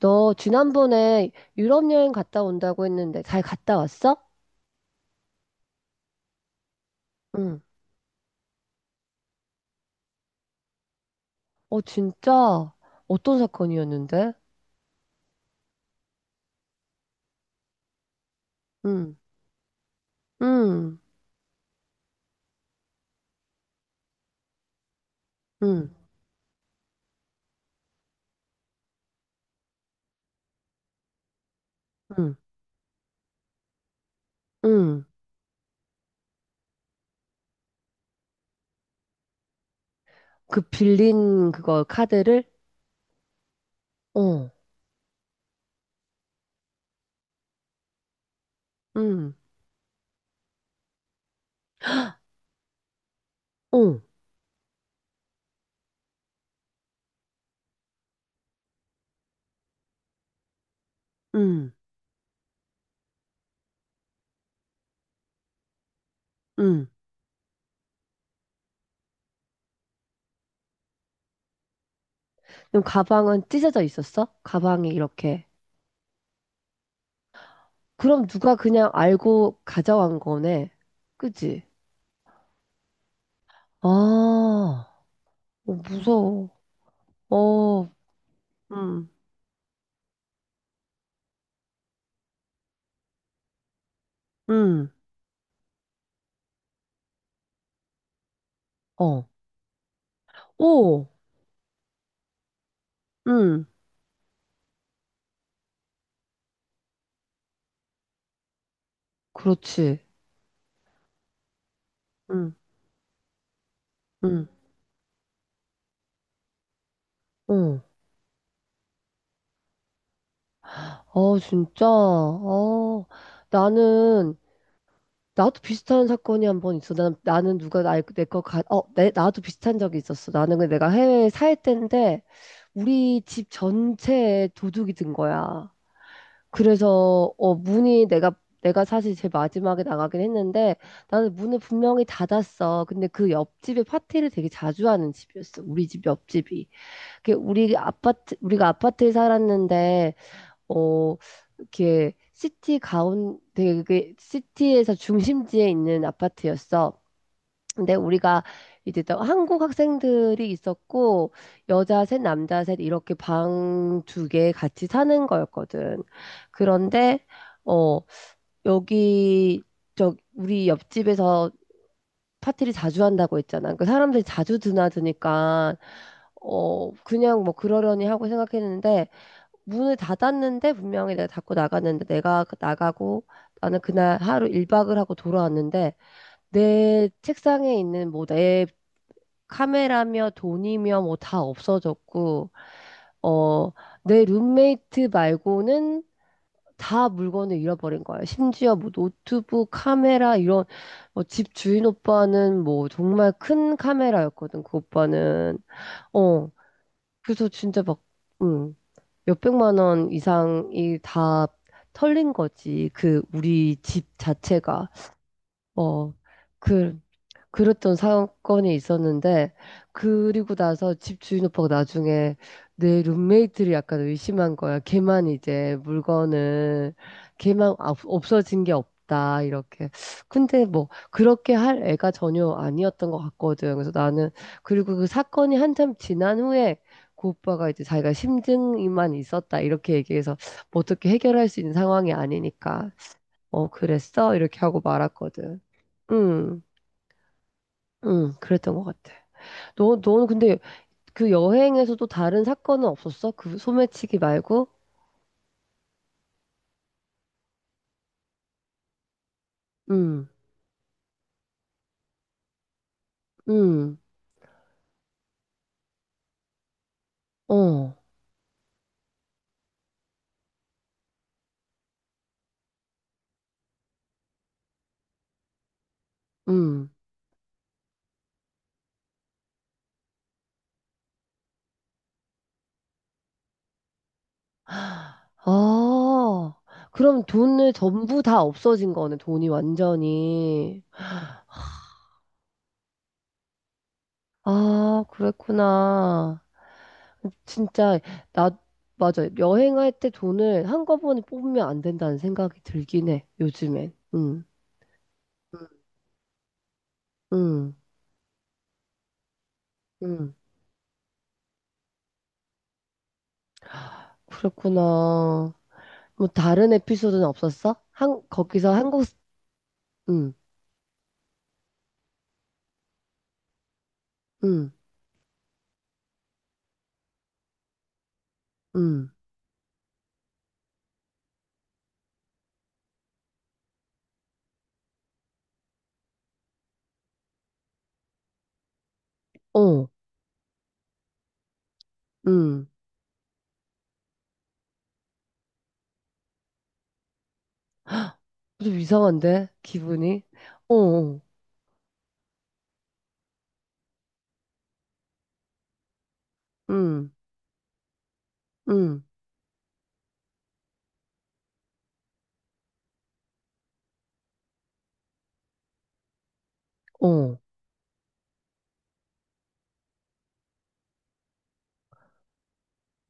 너 지난번에 유럽 여행 갔다 온다고 했는데 잘 갔다 왔어? 응. 어, 진짜? 어떤 사건이었는데? 응. 응. 응. 응. 응. 그 빌린 그거 카드를? 어. 응. 어. 응. 응. 그럼 가방은 찢어져 있었어? 가방이 이렇게. 그럼 누가 그냥 알고 가져간 거네. 그지? 아, 어, 무서워. 어. 응. 응. 어. 오. 응. 그렇지. 응, 응, 응. 아, 진짜. 아, 나는, 나도 비슷한 사건이 한번 있어. 난, 나는 누가 나, 내거 가, 어, 내, 나도 비슷한 적이 있었어. 나는 근데 내가 해외에 살 때인데, 우리 집 전체에 도둑이 든 거야. 그래서, 어, 문이 내가, 내가 사실 제일 마지막에 나가긴 했는데, 나는 문을 분명히 닫았어. 근데 그 옆집에 파티를 되게 자주 하는 집이었어. 우리 집 옆집이. 그게 우리 아파트, 우리가 아파트에 살았는데, 어, 이렇게 되게 그게 시티에서 중심지에 있는 아파트였어. 근데 우리가 이제 또 한국 학생들이 있었고, 여자 셋, 남자 셋, 이렇게 방 두 개 같이 사는 거였거든. 그런데, 어, 여기, 저, 우리 옆집에서 파티를 자주 한다고 했잖아. 그 사람들이 자주 드나드니까 어 그냥 뭐 그러려니 하고 생각했는데 문을 닫았는데 분명히 내가 닫고 나갔는데 내가 그 나가고 나는 그날 하루 일박을 하고 돌아왔는데 내 책상에 있는 뭐 내 카메라며 돈이며 뭐 다 없어졌고 어 내 룸메이트 말고는 다 물건을 잃어버린 거예요. 심지어 뭐 노트북, 카메라 이런 뭐 집 주인 오빠는 뭐 정말 큰 카메라였거든. 그 오빠는 어 그래서 진짜 막 음, 몇백만 원 이상이 다 털린 거지. 그 우리 집 자체가 어그 그랬던 사건이 있었는데, 그리고 나서 집 주인 오빠가 나중에 내 룸메이트를 약간 의심한 거야. 걔만 이제 물건을, 없어진 게 없다, 이렇게. 근데 뭐, 그렇게 할 애가 전혀 아니었던 것 같거든. 그리고 그 사건이 한참 지난 후에, 그 오빠가 이제 자기가 심증이만 있었다, 이렇게 얘기해서, 뭐 어떻게 해결할 수 있는 상황이 아니니까, 어, 그랬어? 이렇게 하고 말았거든. 응. 응, 그랬던 것 같아. 너는 근데 그 여행에서도 다른 사건은 없었어? 그 소매치기 말고? 응, 응, 어, 응. 아, 그럼 돈을 전부 다 없어진 거네, 돈이 완전히. 아, 그랬구나. 진짜, 나, 맞아. 여행할 때 돈을 한꺼번에 뽑으면 안 된다는 생각이 들긴 해, 요즘엔. 응, 응, 응. 그랬구나. 뭐 다른 에피소드는 없었어? 한 거기서 한국 응, 응, 응, 어, 응. 좀 이상한데 기분이? 어, 어, 응, 응, 어,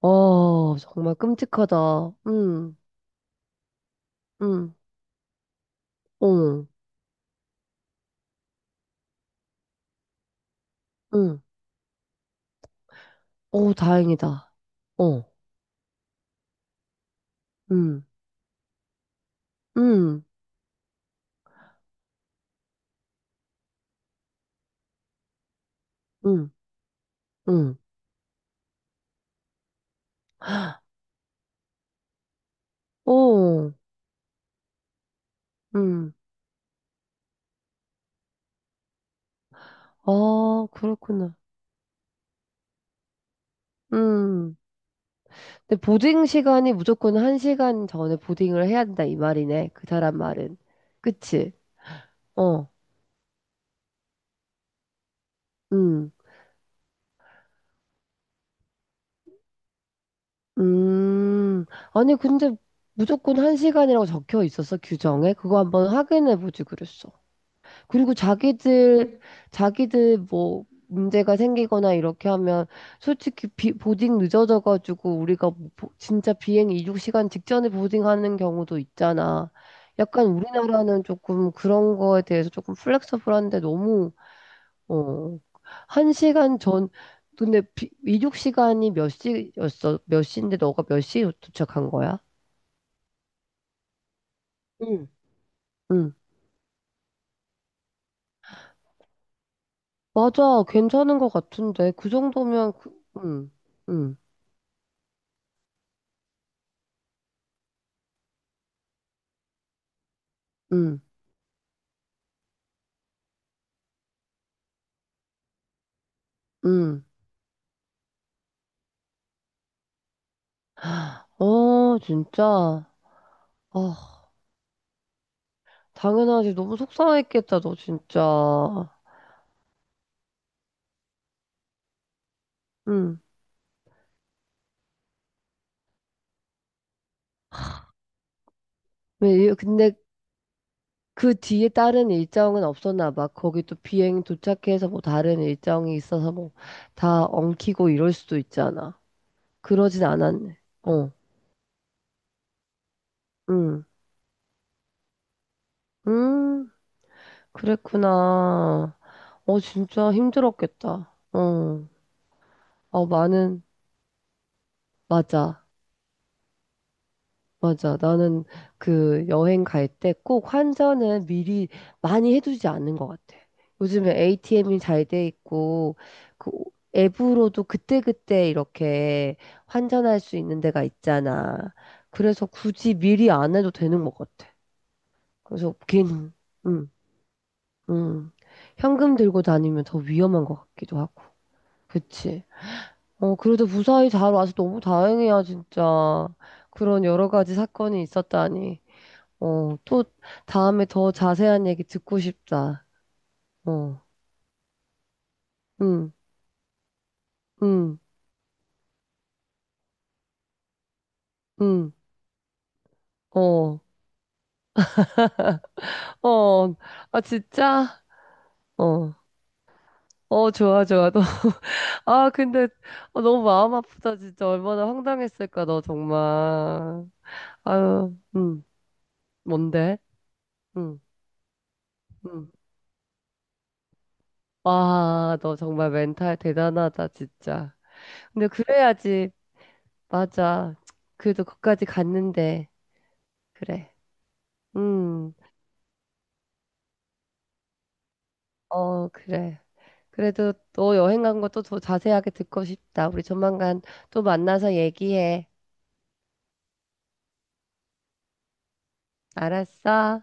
어, 정말 끔찍하다. 응, 응, 어, 응, 어, 다행이다. 어, 응, 응, 응, 응, 어, 응. 아, 그렇구나. 음. 근데 보딩 시간이 무조건 한시간 전에 보딩을 해야 된다 이 말이네. 그 사람 말은. 그치? 어, 음, 음. 아니, 근데 무조건 한 시간이라고 적혀 있었어, 규정에. 그거 한번 확인해보지 그랬어. 그리고 자기들, 자기들 뭐, 문제가 생기거나 이렇게 하면, 보딩 늦어져가지고, 진짜 비행 2륙시간 직전에 보딩하는 경우도 있잖아. 약간 우리나라는 조금 그런 거에 대해서 조금 플렉서블한데 너무 어. 한 시간 전, 근데 비, 이륙 시간이 몇 시였어? 몇 시인데 너가 몇 시에 도착한 거야? 응. 응. 맞아. 괜찮은 것 같은데. 그 정도면, 그, 응, 응, 응, 응. 어, 진짜. 아, 당연하지. 너무 속상했겠다, 너 진짜. 응. 근데 그 뒤에 다른 일정은 없었나 봐. 거기 또 비행 도착해서 뭐 다른 일정이 있어서 뭐 다 엉키고 이럴 수도 있잖아. 그러진 않았네. 어, 음, 음, 그랬구나. 어, 진짜 힘들었겠다. 어, 어, 나는, 맞아, 맞아. 나는 그 여행 갈 때 꼭 환전을 미리 많이 해두지 않는 것 같아. 요즘에 ATM이 잘 돼 있고, 그 앱으로도 그때그때 이렇게 환전할 수 있는 데가 있잖아. 그래서 굳이 미리 안 해도 되는 것 같아. 그래서 긴, 음. 음, 현금 들고 다니면 더 위험한 것 같기도 하고. 그치. 어, 그래도 무사히 잘 와서 너무 다행이야, 진짜. 그런 여러 가지 사건이 있었다니. 어, 또 다음에 더 자세한 얘기 듣고 싶다. 어, 응, 응, 응, 어, 어, 아, 진짜? 어, 어, 좋아, 좋아. 너, 아, 근데 어, 너무 마음 아프다, 진짜. 얼마나 황당했을까, 너 정말. 아유, 응, 뭔데? 응, 응. 와, 너 정말 멘탈 대단하다, 진짜. 근데 그래야지, 맞아. 그래도 거기까지 갔는데, 그래. 음, 어, 그래. 그래도 너 여행 간 것도 더 자세하게 듣고 싶다. 우리 조만간 또 만나서 얘기해. 알았어?